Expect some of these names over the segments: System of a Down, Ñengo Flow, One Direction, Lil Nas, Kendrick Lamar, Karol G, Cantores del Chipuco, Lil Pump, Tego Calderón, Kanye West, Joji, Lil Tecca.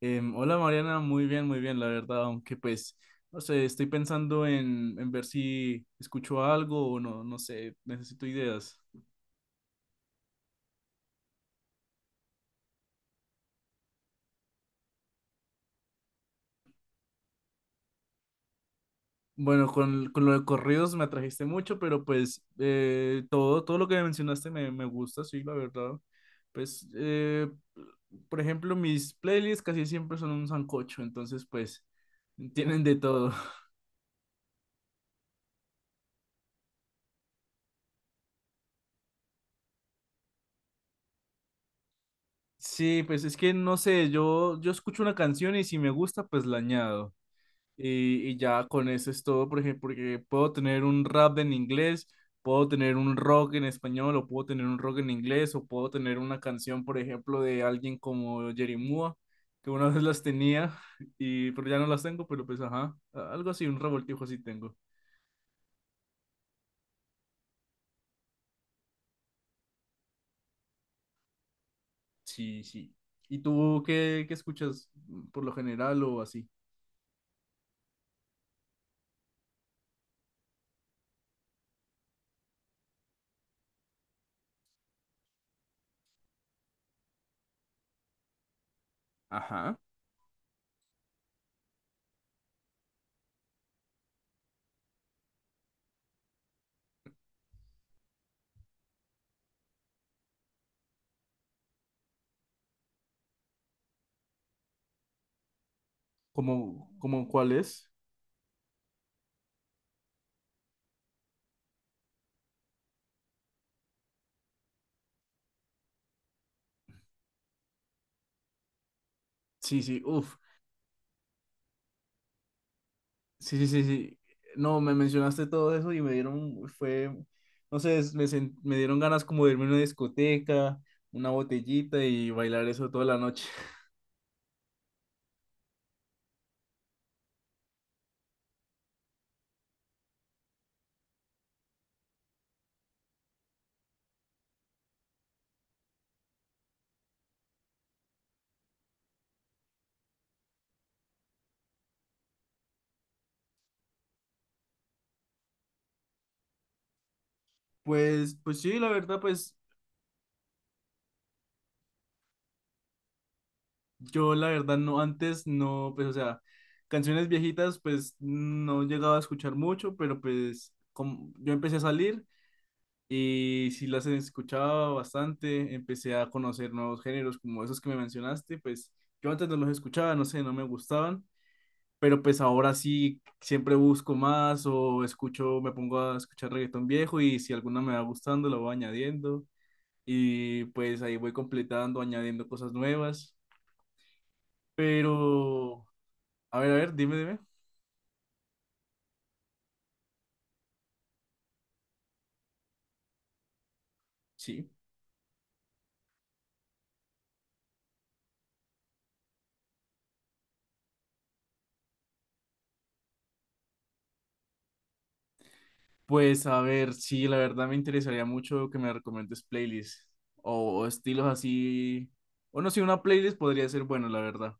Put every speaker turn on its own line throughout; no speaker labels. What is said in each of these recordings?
Hola Mariana, muy bien, la verdad, aunque pues, no sé, estoy pensando en ver si escucho algo o no, no sé, necesito ideas. Bueno, con lo de corridos me atrajiste mucho, pero pues todo lo que mencionaste me gusta, sí, la verdad. Pues, por ejemplo, mis playlists casi siempre son un sancocho, entonces pues tienen de todo. Sí, pues es que no sé, yo escucho una canción y si me gusta, pues la añado. Y ya con eso es todo, por ejemplo, porque puedo tener un rap en inglés, puedo tener un rock en español, o puedo tener un rock en inglés, o puedo tener una canción, por ejemplo, de alguien como Jerry Mua, que una vez las tenía, pero ya no las tengo, pero pues ajá, algo así, un revoltijo así tengo. Sí, sí. ¿Y tú qué escuchas por lo general o así? Ajá. ¿Cómo cuál es? Sí, sí, uff. Sí, sí, sí, sí. No, me mencionaste todo eso y me dieron, no sé, me dieron ganas como de irme a una discoteca, una botellita y bailar eso toda la noche. Pues sí, la verdad, pues yo la verdad no, antes no, pues o sea, canciones viejitas pues no llegaba a escuchar mucho, pero pues como yo empecé a salir y sí las escuchaba bastante, empecé a conocer nuevos géneros como esos que me mencionaste, pues yo antes no los escuchaba, no sé, no me gustaban. Pero pues ahora sí siempre busco más o escucho, me pongo a escuchar reggaetón viejo y si alguna me va gustando la voy añadiendo y pues ahí voy completando, añadiendo cosas nuevas, pero a ver, dime, dime. Sí. Pues a ver, sí, la verdad me interesaría mucho que me recomiendes playlists o estilos así, o no sé, una playlist podría ser bueno, la verdad.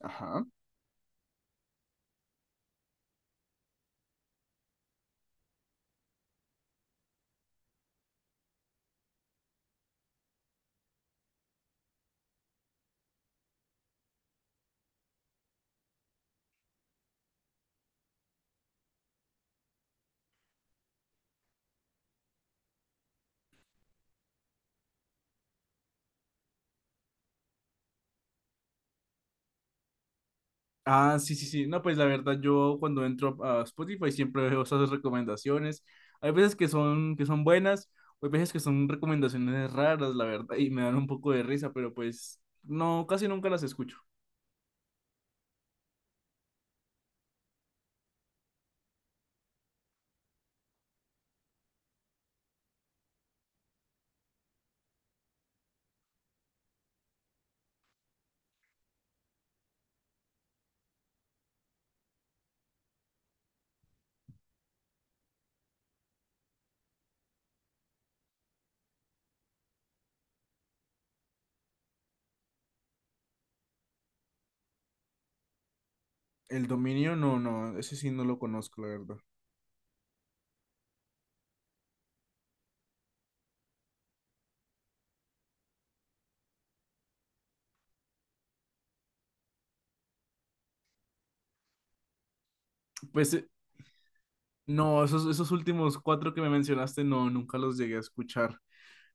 Ajá. Ah, sí, sí, sí. No, pues la verdad, yo cuando entro a Spotify siempre veo esas recomendaciones. Hay veces que son buenas, hay veces que son recomendaciones raras, la verdad, y me dan un poco de risa, pero pues no, casi nunca las escucho. El dominio, no, no, ese sí no lo conozco, la verdad. Pues no, esos últimos cuatro que me mencionaste, no, nunca los llegué a escuchar.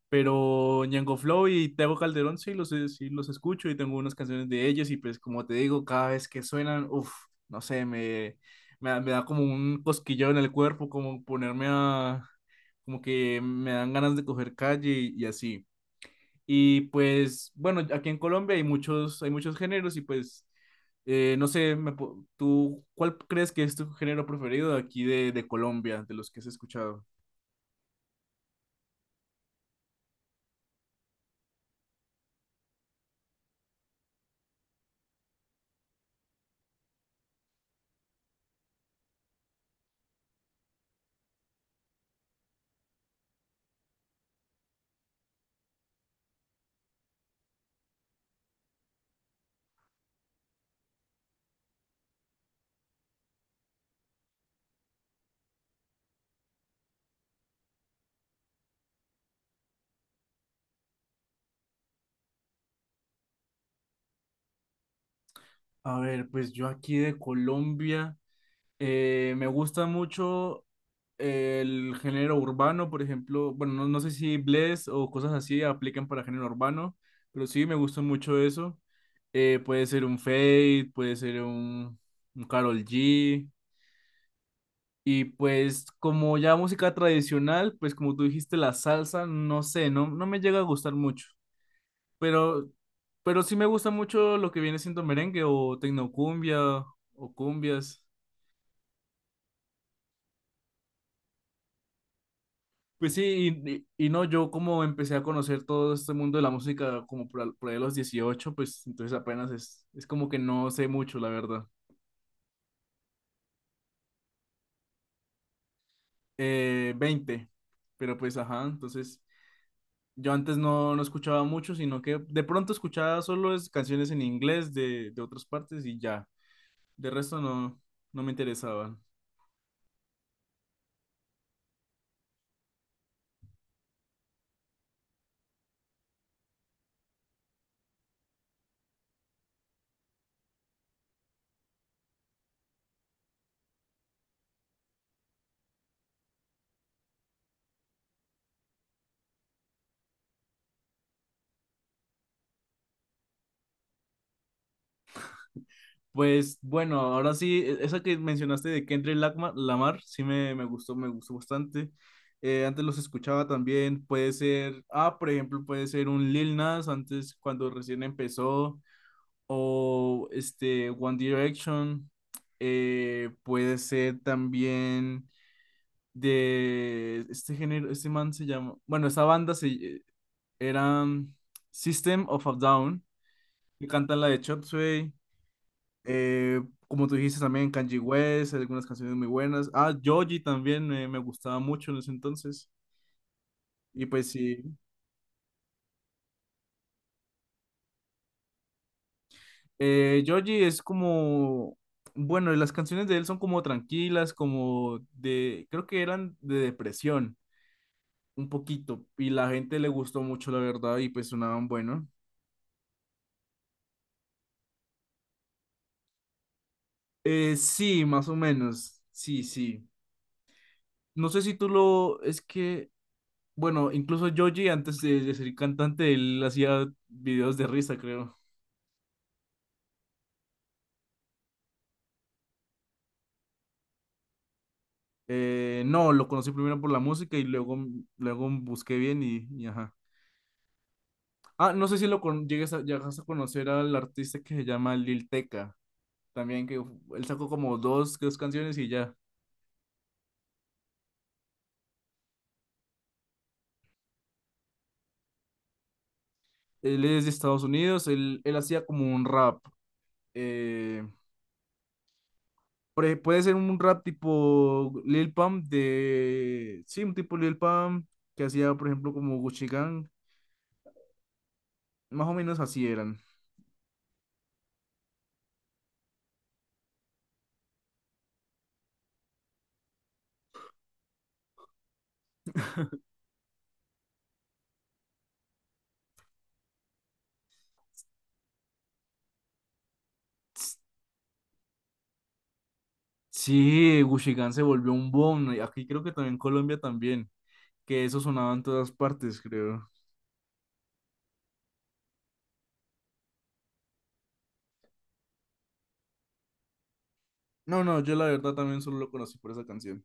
Pero Ñengo Flow y Tego Calderón sí los escucho y tengo unas canciones de ellos y pues como te digo, cada vez que suenan, uff, no sé, me da como un cosquilleo en el cuerpo, como ponerme a, como que me dan ganas de coger calle y así. Y pues bueno, aquí en Colombia hay muchos géneros y pues no sé, ¿tú cuál crees que es tu género preferido de aquí de Colombia, de los que has escuchado? A ver, pues yo aquí de Colombia. Me gusta mucho el género urbano, por ejemplo. Bueno, no sé si Bless o cosas así aplican para género urbano, pero sí me gusta mucho eso. Puede ser un Fade, puede ser un Karol G. Y pues como ya música tradicional, pues como tú dijiste, la salsa, no sé, no me llega a gustar mucho. Pero, pero sí me gusta mucho lo que viene siendo merengue o tecnocumbia o cumbias. Pues sí, y no, yo como empecé a conocer todo este mundo de la música como por ahí a los 18 pues entonces apenas es como que no sé mucho, la verdad. 20, pero pues ajá, entonces yo antes no escuchaba mucho, sino que de pronto escuchaba solo es canciones en inglés de otras partes y ya, de resto no me interesaban. Pues bueno, ahora sí, esa que mencionaste de Kendrick Lagma- Lamar, sí me gustó, me gustó bastante. Antes los escuchaba también, puede ser, ah, por ejemplo, puede ser un Lil Nas antes cuando recién empezó, o este One Direction, puede ser también de este género, este man se llama, bueno, esa banda era System of a Down, que cantan la de Chop Suey. Eh, Como tú dijiste también, Kanye West, hay algunas canciones muy buenas. Ah, Joji también me gustaba mucho en ese entonces. Y pues sí, Joji es como, bueno, las canciones de él son como tranquilas, como de, creo que eran de depresión, un poquito. Y la gente le gustó mucho, la verdad, y pues sonaban bueno. Sí, más o menos, sí, sí. No sé si tú lo, es que, bueno, incluso Joji antes de ser cantante, él hacía videos de risa, creo. No, lo conocí primero por la música y luego busqué bien y ajá. Ah, no sé si lo con, llegues a, llegas a conocer al artista que se llama Lil Tecca, también que él sacó como dos canciones y ya. Él es de Estados Unidos, él hacía como un rap. eh, Puede ser un rap tipo Lil Pump de... Sí, un tipo Lil Pump que hacía, por ejemplo, como Gucci Gang. Más o menos así eran. Sí, Gucci Gang se volvió un boom. Y aquí creo que también en Colombia también, que eso sonaba en todas partes, creo. No, no, yo la verdad también solo lo conocí por esa canción.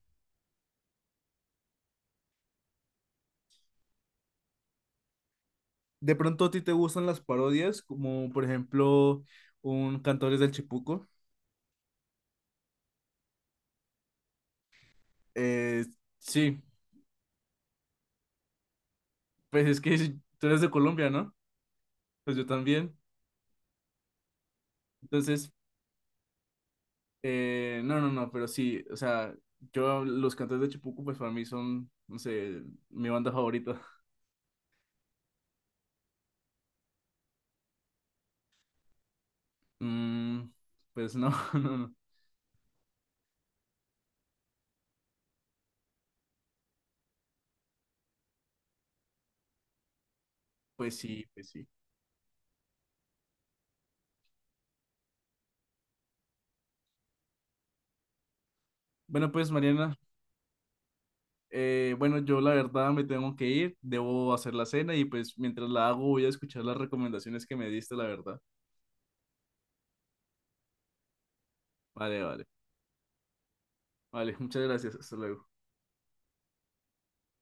De pronto a ti te gustan las parodias, como por ejemplo un Cantores del Chipuco. Eh, sí, pues es que sí, tú eres de Colombia, ¿no? Pues yo también. Entonces, no, no, no, pero sí, o sea, yo los Cantores del Chipuco, pues para mí son, no sé, mi banda favorita. Mm, pues no, no, no. Pues sí, pues sí. Bueno, pues Mariana, bueno, yo la verdad me tengo que ir, debo hacer la cena y pues mientras la hago voy a escuchar las recomendaciones que me diste, la verdad. Vale, vale, vale, muchas gracias, hasta luego.